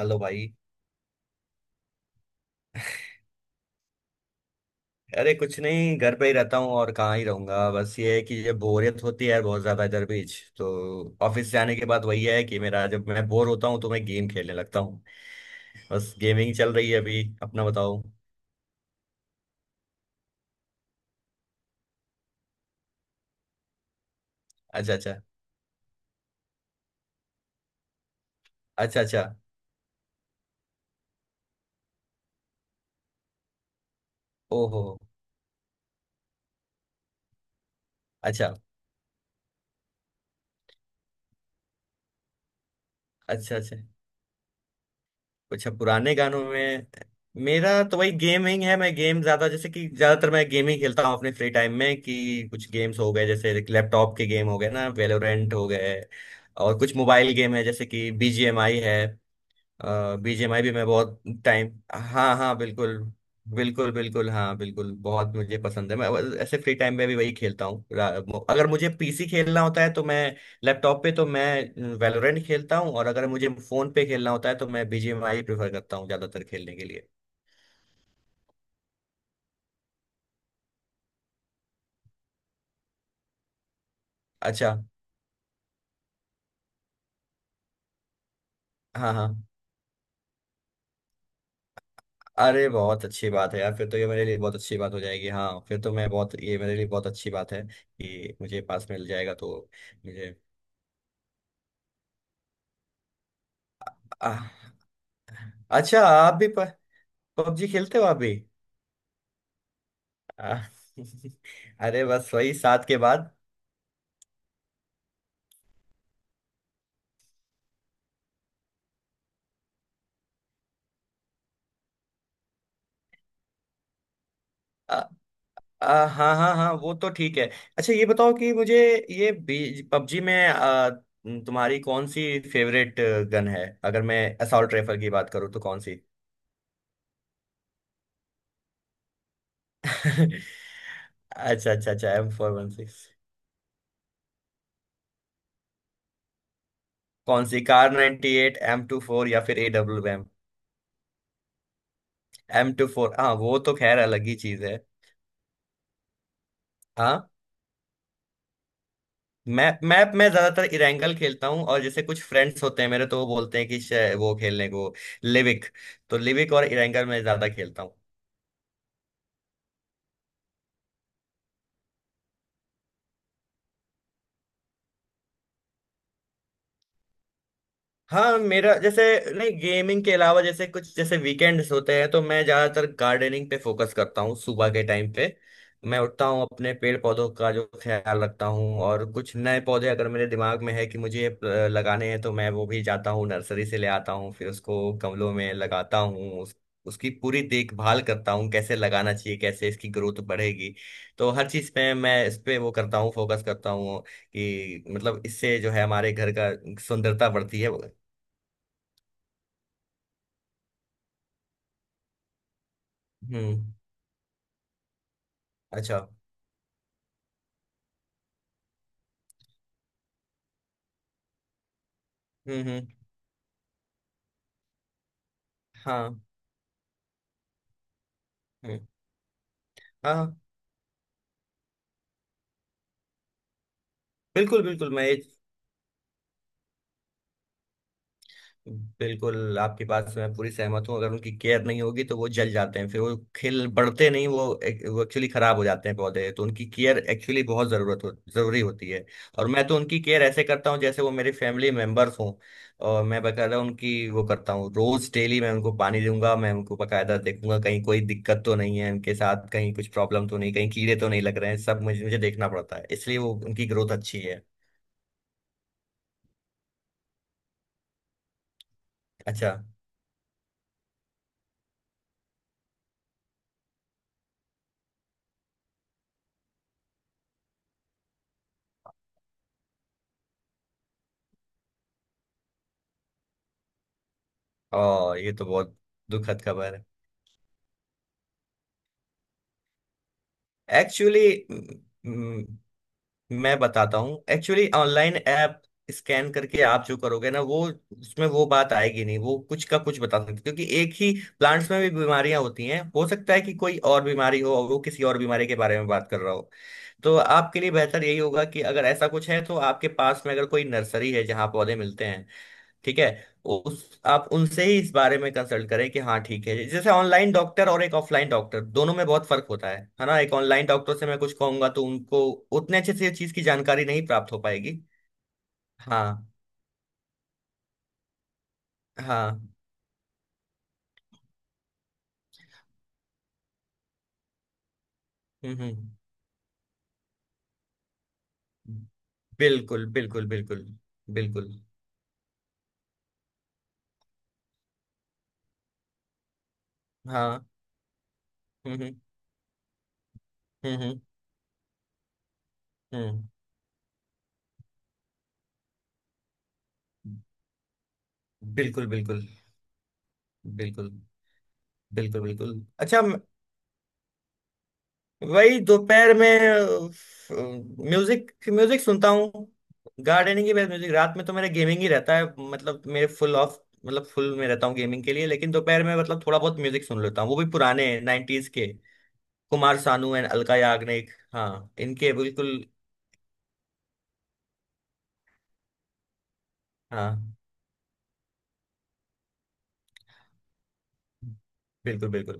Hello भाई। अरे कुछ नहीं, घर पे ही रहता हूँ और कहाँ ही रहूंगा। बस ये है कि ये बोरियत होती है बहुत ज्यादा इधर बीच तो, ऑफिस जाने के बाद वही है कि मेरा, जब मैं बोर होता हूँ तो मैं गेम खेलने लगता हूँ। बस गेमिंग चल रही है, अभी अपना बताओ। अच्छा अच्छा। अच्छा अच्छा। ओहो। अच्छा अच्छा। अच्छा। कुछ पुराने गानों में। मेरा तो वही गेमिंग है, मैं गेम ज्यादा, जैसे कि ज्यादातर मैं गेम ही खेलता हूँ अपने फ्री टाइम में, कि कुछ गेम्स हो गए जैसे लैपटॉप के गेम हो गए ना, वेलोरेंट हो गए। और कुछ मोबाइल गेम है जैसे कि बीजीएमआई है। बीजीएमआई भी मैं बहुत टाइम। हाँ हाँ, बिल्कुल। बिल्कुल बिल्कुल, हाँ बिल्कुल, बहुत मुझे पसंद है। मैं बस ऐसे फ्री टाइम में भी वही खेलता हूँ। अगर मुझे पीसी खेलना होता है तो मैं लैपटॉप पे तो मैं वैलोरेंट खेलता हूँ, और अगर मुझे फोन पे खेलना होता है तो मैं बीजीएमआई प्रेफर करता हूँ ज्यादातर खेलने के लिए। अच्छा। हाँ हाँ, अरे बहुत अच्छी बात है यार। फिर तो ये मेरे लिए बहुत अच्छी बात हो जाएगी, हाँ। फिर तो मैं बहुत, ये मेरे लिए बहुत अच्छी बात है कि मुझे पास मिल जाएगा तो। मुझे आह, अच्छा आप भी पबजी खेलते हो आप भी। आ, अरे बस वही सात के बाद। आ, आ, हाँ हाँ हाँ, वो तो ठीक है। अच्छा ये बताओ कि मुझे ये पबजी में, तुम्हारी कौन सी फेवरेट गन है? अगर मैं असॉल्ट राइफल की बात करूँ तो कौन सी? अच्छा अच्छा अच्छा, एम फोर वन सिक्स। कौन सी? Kar 98 eight M two four, या फिर A W M? M two four, हाँ वो तो खैर अलग ही चीज है। हाँ? मैप, मैप में ज्यादातर इरेंगल खेलता हूँ, और जैसे कुछ फ्रेंड्स होते हैं मेरे तो वो बोलते हैं कि वो खेलने को लिविक। तो लिविक और इरेंगल में ज्यादा खेलता हूँ। हाँ मेरा जैसे, नहीं, गेमिंग के अलावा जैसे कुछ, जैसे वीकेंड्स होते हैं तो मैं ज्यादातर गार्डनिंग पे फोकस करता हूँ सुबह के टाइम पे। मैं उठता हूँ, अपने पेड़ पौधों का जो ख्याल रखता हूँ, और कुछ नए पौधे अगर मेरे दिमाग में है कि मुझे ये लगाने हैं तो मैं वो भी जाता हूँ, नर्सरी से ले आता हूँ, फिर उसको गमलों में लगाता हूँ, उसकी पूरी देखभाल करता हूँ, कैसे लगाना चाहिए, कैसे इसकी ग्रोथ बढ़ेगी। तो हर चीज़ पे मैं इस पे वो करता हूँ, फोकस करता हूँ कि मतलब इससे जो है हमारे घर का सुंदरता बढ़ती है। हम्म। अच्छा। हम्म। हाँ। हम्म। हाँ हाँ। बिल्कुल बिल्कुल, मैं ये, बिल्कुल आपकी बात से मैं पूरी सहमत हूँ, अगर उनकी केयर नहीं होगी तो वो जल जाते हैं, फिर वो खिल बढ़ते नहीं, वो वो एक्चुअली खराब हो जाते हैं पौधे, तो उनकी केयर एक्चुअली बहुत जरूरी होती है। और मैं तो उनकी केयर ऐसे करता हूँ जैसे वो मेरे फैमिली मेंबर्स हों। और मैं बकायदा उनकी वो करता हूँ रोज डेली, मैं उनको पानी दूंगा, मैं उनको बकायदा देखूंगा कहीं कोई दिक्कत तो नहीं है उनके साथ, कहीं कुछ प्रॉब्लम तो नहीं, कहीं कीड़े तो नहीं लग रहे हैं, सब मुझे मुझे देखना पड़ता है, इसलिए वो उनकी ग्रोथ अच्छी है। अच्छा। और ये तो बहुत दुखद खबर है। एक्चुअली मैं बताता हूँ, एक्चुअली ऑनलाइन ऐप स्कैन करके आप जो करोगे ना वो, उसमें वो बात आएगी नहीं, वो कुछ का कुछ बता सकते क्योंकि एक ही प्लांट्स में भी बीमारियां होती हैं, हो सकता है कि कोई और बीमारी हो और वो किसी और बीमारी के बारे में बात कर रहा हो। तो आपके लिए बेहतर यही होगा कि अगर ऐसा कुछ है तो आपके पास में अगर कोई नर्सरी है जहाँ पौधे मिलते हैं, ठीक है, उस आप उनसे ही इस बारे में कंसल्ट करें कि हाँ ठीक है, जैसे ऑनलाइन डॉक्टर और एक ऑफलाइन डॉक्टर दोनों में बहुत फर्क होता है ना, एक ऑनलाइन डॉक्टर से मैं कुछ कहूंगा तो उनको उतने अच्छे से चीज की जानकारी नहीं प्राप्त हो पाएगी। हाँ हाँ। हम्म। बिल्कुल बिल्कुल बिल्कुल बिल्कुल। हाँ। हम्म हम्म हम्म हम्म हम्म, बिल्कुल बिल्कुल बिल्कुल बिल्कुल बिल्कुल। अच्छा, वही दोपहर में म्यूजिक, म्यूजिक सुनता हूँ गार्डनिंग के बाद। म्यूजिक रात में तो मेरा गेमिंग ही रहता है, मतलब मेरे फुल ऑफ, मतलब फुल में रहता हूँ गेमिंग के लिए, लेकिन दोपहर में मतलब थोड़ा बहुत म्यूजिक सुन लेता हूँ, वो भी पुराने 90s के। कुमार सानू एंड अलका याग्निक, हाँ इनके बिल्कुल। हाँ बिल्कुल बिल्कुल।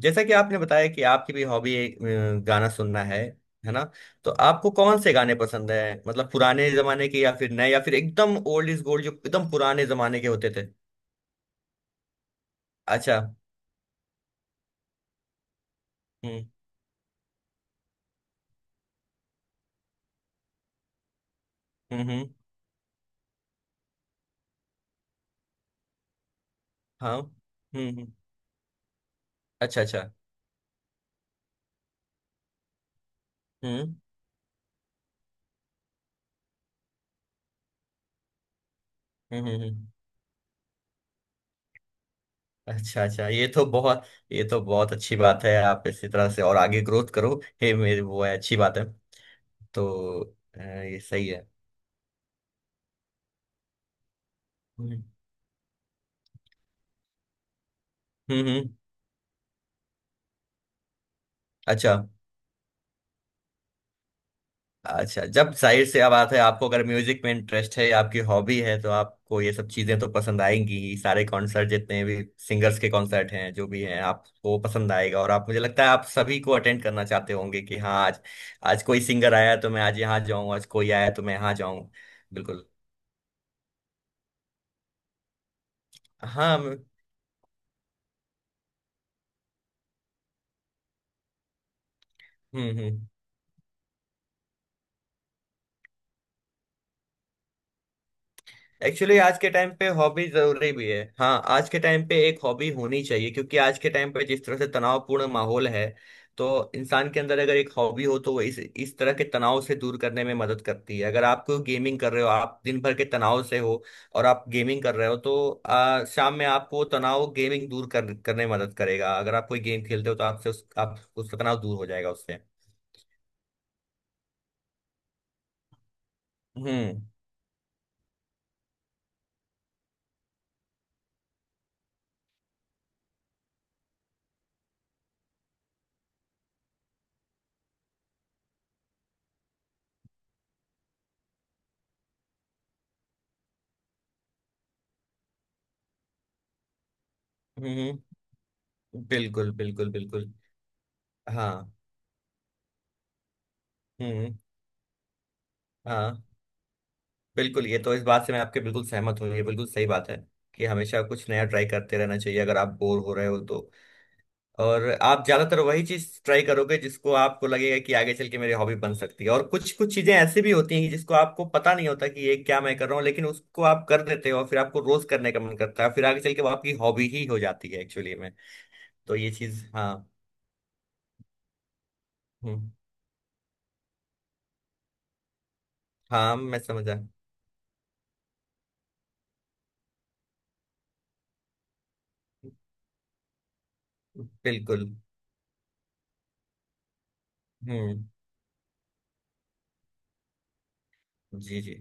जैसा कि आपने बताया कि आपकी भी हॉबी एक, गाना सुनना है ना? तो आपको कौन से गाने पसंद है? मतलब पुराने जमाने के, या फिर नए, या फिर एकदम ओल्ड इज गोल्ड, जो एकदम पुराने जमाने के होते थे? अच्छा। हम्म हम्म हम्म, हाँ। अच्छा अच्छा। हम्म हम्म हम्म हम्म, अच्छा अच्छा। ये तो बहुत अच्छी बात है, आप इसी तरह से और आगे ग्रोथ करो। हे मेरे वो है अच्छी बात है तो। ये सही है। हम्म हम्म हम्म, अच्छा। अच्छा, जब जाहिर सी बात है आपको अगर म्यूजिक में इंटरेस्ट है या आपकी हॉबी है तो आपको ये सब चीजें तो पसंद आएंगी ही। सारे कॉन्सर्ट, जितने भी सिंगर्स के कॉन्सर्ट हैं जो भी हैं आपको पसंद आएगा, और आप, मुझे लगता है आप सभी को अटेंड करना चाहते होंगे कि हाँ, आज आज कोई सिंगर आया तो मैं आज यहाँ जाऊँ, आज कोई आया तो मैं यहाँ जाऊँ। बिल्कुल। हाँ हम्म। एक्चुअली आज के टाइम पे हॉबी जरूरी भी है, हाँ आज के टाइम पे एक हॉबी होनी चाहिए, क्योंकि आज के टाइम पे जिस तरह से तनावपूर्ण माहौल है तो इंसान के अंदर अगर एक हॉबी हो तो वो इस तरह के तनाव से दूर करने में मदद करती है। अगर आप कोई गेमिंग कर रहे हो, आप दिन भर के तनाव से हो और आप गेमिंग कर रहे हो तो शाम में आपको वो तनाव गेमिंग करने में मदद करेगा। अगर आप कोई गेम खेलते हो तो आपसे आप उसका तनाव दूर हो जाएगा उससे। हम्म हम्म। बिल्कुल बिल्कुल बिल्कुल। हाँ हम्म हाँ, बिल्कुल ये तो इस बात से मैं आपके बिल्कुल सहमत हूँ, ये बिल्कुल सही बात है कि हमेशा कुछ नया ट्राई करते रहना चाहिए अगर आप बोर हो रहे हो तो। और आप ज्यादातर वही चीज ट्राई करोगे जिसको आपको लगेगा कि आगे चल के मेरी हॉबी बन सकती है, और कुछ कुछ चीजें ऐसी भी होती हैं जिसको आपको पता नहीं होता कि ये क्या मैं कर रहा हूँ, लेकिन उसको आप कर देते हो और फिर आपको रोज करने का मन करता है, फिर आगे चल के वो आपकी हॉबी ही हो जाती है एक्चुअली में। तो ये चीज हाँ। हम्म, हाँ, मैं समझा, बिल्कुल। हम्म, जी जी।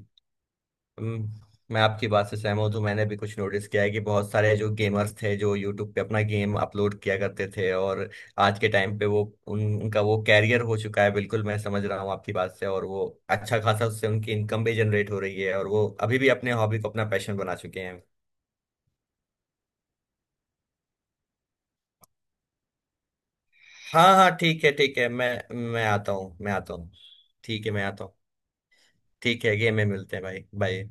हम्म, मैं आपकी बात से सहमत हूँ, तो मैंने भी कुछ नोटिस किया है कि बहुत सारे जो गेमर्स थे जो यूट्यूब पे अपना गेम अपलोड किया करते थे, और आज के टाइम पे वो उनका वो कैरियर हो चुका है, बिल्कुल मैं समझ रहा हूँ आपकी बात से, और वो अच्छा खासा, उससे उनकी इनकम भी जनरेट हो रही है, और वो अभी भी अपने हॉबी को अपना पैशन बना चुके हैं। हाँ हाँ, ठीक है ठीक है, मैं आता हूँ, मैं आता हूँ। ठीक है, मैं आता हूँ। ठीक है, गेम में मिलते हैं भाई, बाय।